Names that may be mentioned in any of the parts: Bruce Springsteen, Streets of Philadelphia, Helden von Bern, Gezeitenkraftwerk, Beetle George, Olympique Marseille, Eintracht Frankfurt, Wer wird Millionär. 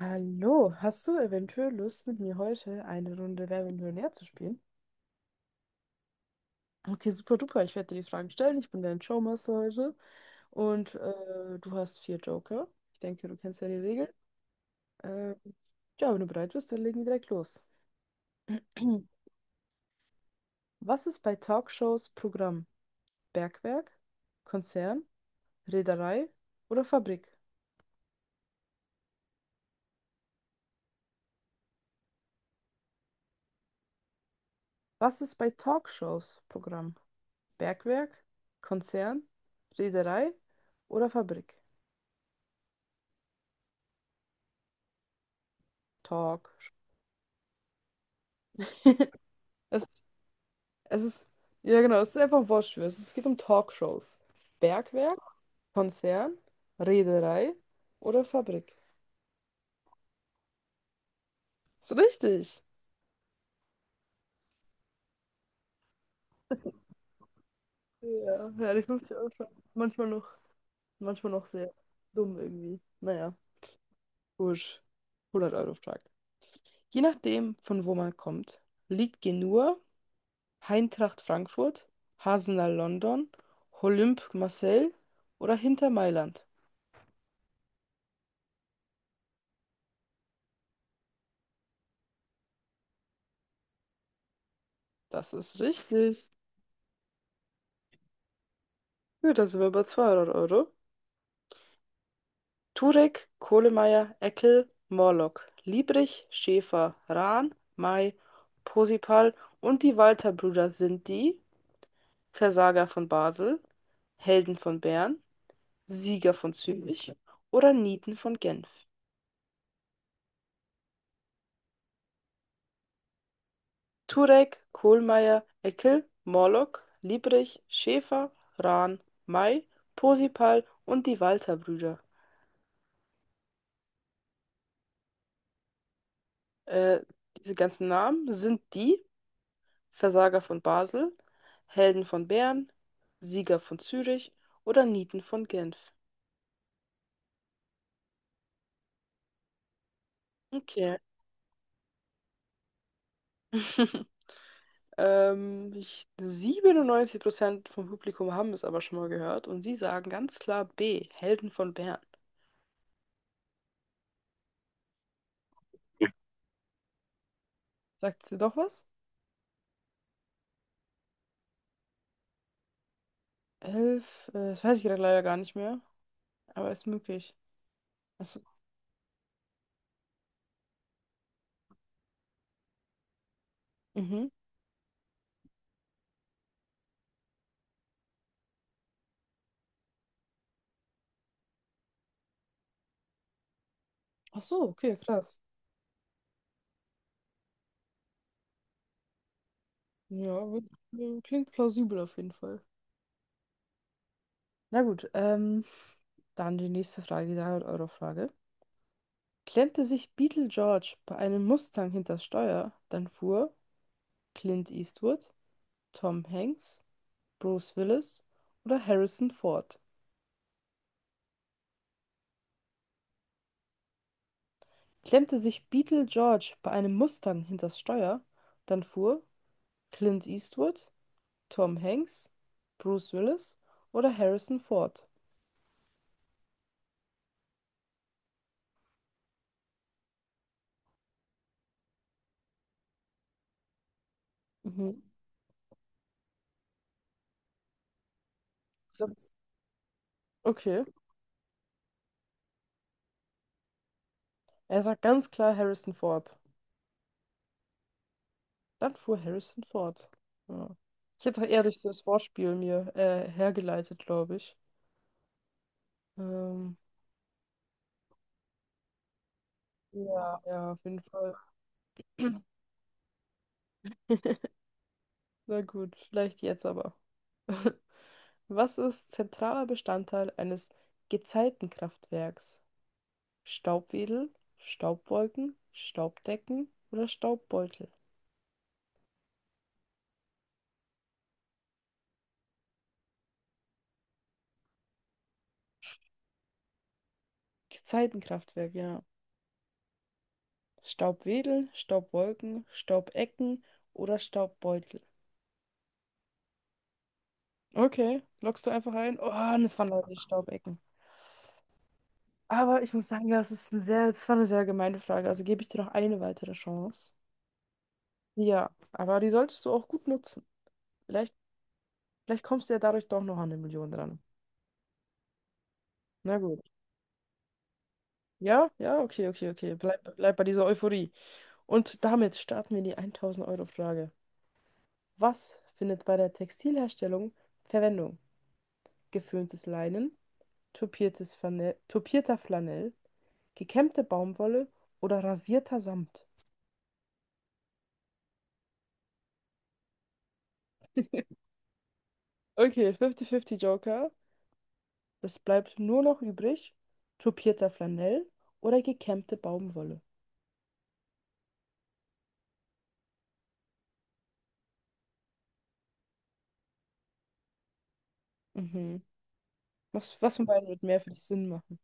Hallo, hast du eventuell Lust, mit mir heute eine Runde Wer wird Millionär zu spielen? Okay, super duper. Ich werde dir die Fragen stellen. Ich bin dein Showmaster heute. Und du hast vier Joker. Ich denke, du kennst ja die Regeln. Äh, ja, wenn du bereit bist, dann legen wir direkt los. Was ist bei Talkshows Programm? Bergwerk, Konzern, Reederei oder Fabrik? Was ist bei Talkshows Programm? Bergwerk, Konzern, Reederei oder Fabrik? Talk. Es, es ist, ja genau, es ist einfach wurscht. Es geht um Talkshows. Bergwerk, Konzern, Reederei oder Fabrik. Ist richtig. Ja, ja, die 50-Euro Frage ist manchmal noch sehr dumm irgendwie. Naja, gut. 100-Euro Frage. Je nachdem, von wo man kommt, liegt Genua, Eintracht Frankfurt, Hasenal London, Olympique Marseille oder hinter Mailand. Das ist richtig. Gut, da sind wir bei 200 Euro. Turek, Kohlemeier, Eckel, Morlock, Liebrich, Schäfer, Rahn, May, Posipal und die Walter-Brüder sind die Versager von Basel, Helden von Bern, Sieger von Zürich oder Nieten von Genf. Turek, Kohlmeier, Eckel, Morlock, Liebrich, Schäfer, Rahn, May, Posipal und die Walter-Brüder. Äh, Diese ganzen Namen sind die Versager von Basel, Helden von Bern, Sieger von Zürich oder Nieten von Genf. Okay. 97% vom Publikum haben es aber schon mal gehört und sie sagen ganz klar B, Helden von Bern. Sagt sie doch was? Elf, das weiß ich gerade leider gar nicht mehr, aber ist möglich. Achso, mhm. Ach so, okay, krass. Ja, wird- Klingt plausibel auf jeden Fall. Na gut, dann die nächste Frage, die 300-Euro-Frage. Klemmte sich Beetle George bei einem Mustang hinters Steuer, dann fuhr Clint Eastwood, Tom Hanks, Bruce Willis oder Harrison Ford? Klemmte sich Beetle George bei einem Mustang hinters Steuer, dann fuhr Clint Eastwood, Tom Hanks, Bruce Willis oder Harrison Ford? Mhm. Ich glaub, das- Okay, er sagt ganz klar Harrison Ford. Dann fuhr Harrison Ford. Ja. Ich hätte es auch eher durch so das Wortspiel mir hergeleitet, glaube ich. Ähm. Ja, ja, auf jeden Fall. Na gut, vielleicht jetzt aber. Was ist zentraler Bestandteil eines Gezeitenkraftwerks? Staubwedel, Staubwolken, Staubdecken oder Staubbeutel? Gezeitenkraftwerk, ja. Staubwedel, Staubwolken, Staubecken oder Staubbeutel. Okay, loggst du einfach ein? Oh, und es waren leider die Staubecken. Aber ich muss sagen, das ist eine sehr, das war eine sehr gemeine Frage. Also gebe ich dir noch eine weitere Chance. Ja, aber die solltest du auch gut nutzen. Vielleicht, Vielleicht kommst du ja dadurch doch noch an 1 Million dran. Na gut. Ja, ja, okay, okay, okay. Bleib bei dieser Euphorie. Und damit starten wir in die 1000-Euro-Frage. Was findet bei der Textilherstellung Verwendung? Geföhntes Leinen, tupierter Flanell, gekämmte Baumwolle oder rasierter Samt? Okay, 50-50 Joker. Es bleibt nur noch übrig, tupierter Flanell oder gekämmte Baumwolle. Mhm. Was, was von beiden wird mehr für dich Sinn machen?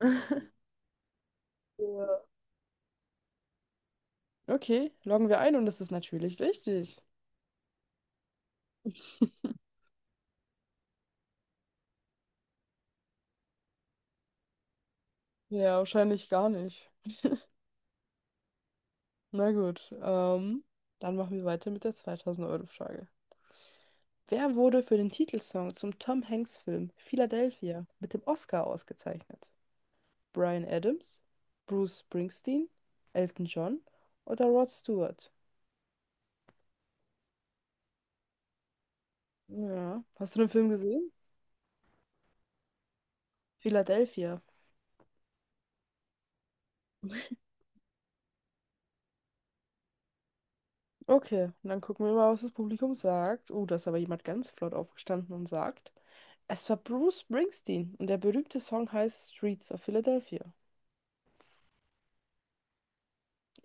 Ja. Okay, loggen wir ein und das ist natürlich richtig. Ja, wahrscheinlich gar nicht. Na gut, dann machen wir weiter mit der 2000-Euro-Frage. Wer wurde für den Titelsong zum Tom Hanks-Film Philadelphia mit dem Oscar ausgezeichnet? Bryan Adams, Bruce Springsteen, Elton John oder Rod Stewart? Ja, hast du den Film gesehen? Philadelphia. Okay, dann gucken wir mal, was das Publikum sagt. Oh, da ist aber jemand ganz flott aufgestanden und sagt, es war Bruce Springsteen und der berühmte Song heißt Streets of Philadelphia.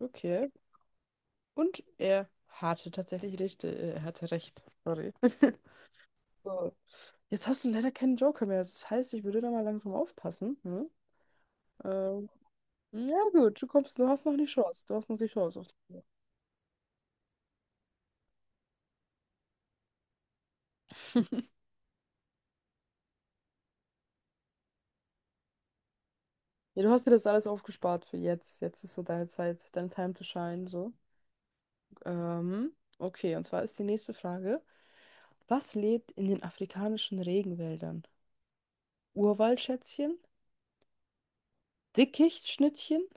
Okay. Und er hatte tatsächlich recht. Er hatte recht. Sorry. So. Jetzt hast du leider keinen Joker mehr. Das heißt, ich würde da mal langsam aufpassen. Hm? Ähm, ja gut, du hast noch die Chance. Du hast noch die Chance auf die. Ja, du hast dir das alles aufgespart für jetzt. Jetzt ist so deine Zeit, dein Time to shine, so. Okay, und zwar ist die nächste Frage. Was lebt in den afrikanischen Regenwäldern? Urwaldschätzchen, Dickichtschnittchen,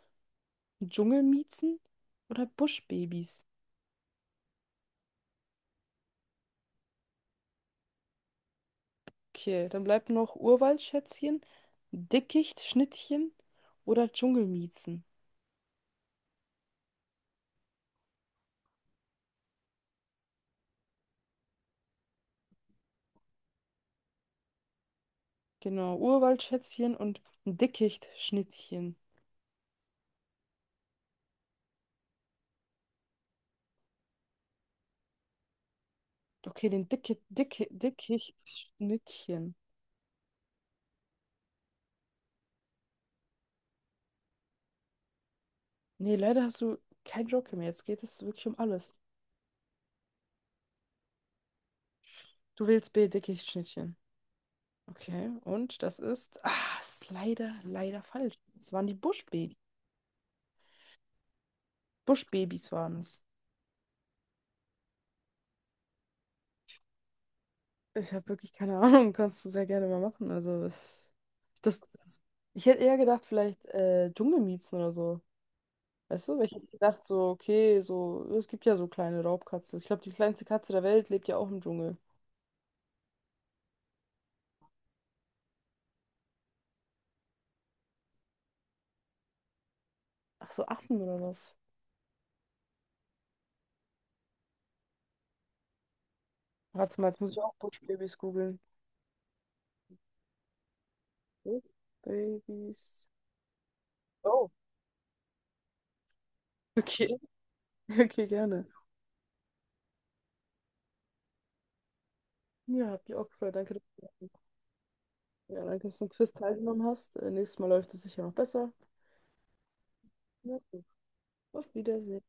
Dschungelmiezen oder Buschbabys? Okay, dann bleibt noch Urwaldschätzchen, Dickichtschnittchen oder Dschungelmiezen. Genau, Urwaldschätzchen und Dickichtschnittchen. Okay, den Dickichtschnittchen. Nee, leider hast du kein Joker mehr. Jetzt geht es wirklich um alles. Du wählst B, Dickichtschnittchen. Okay, und das ist, ah, ist leider falsch. Es waren die Buschbabys. Buschbabys waren es. Ich habe wirklich keine Ahnung, kannst du sehr gerne mal machen. Das, das, Ich hätte eher gedacht, vielleicht Dschungelmiezen oder so. Weißt du, weil ich hätte gedacht, so, okay, so, es gibt ja so kleine Raubkatzen. Ich glaube, die kleinste Katze der Welt lebt ja auch im Dschungel. Ach so, Affen oder was? Warte mal, jetzt muss ich auch Buschbabys googeln. Buschbabys. Oh, okay, okay, gerne. Ja, hab ich auch gefreut, danke. Ja, danke, dass du am Quiz teilgenommen hast. Nächstes Mal läuft es sicher noch besser. Ja, auf Wiedersehen.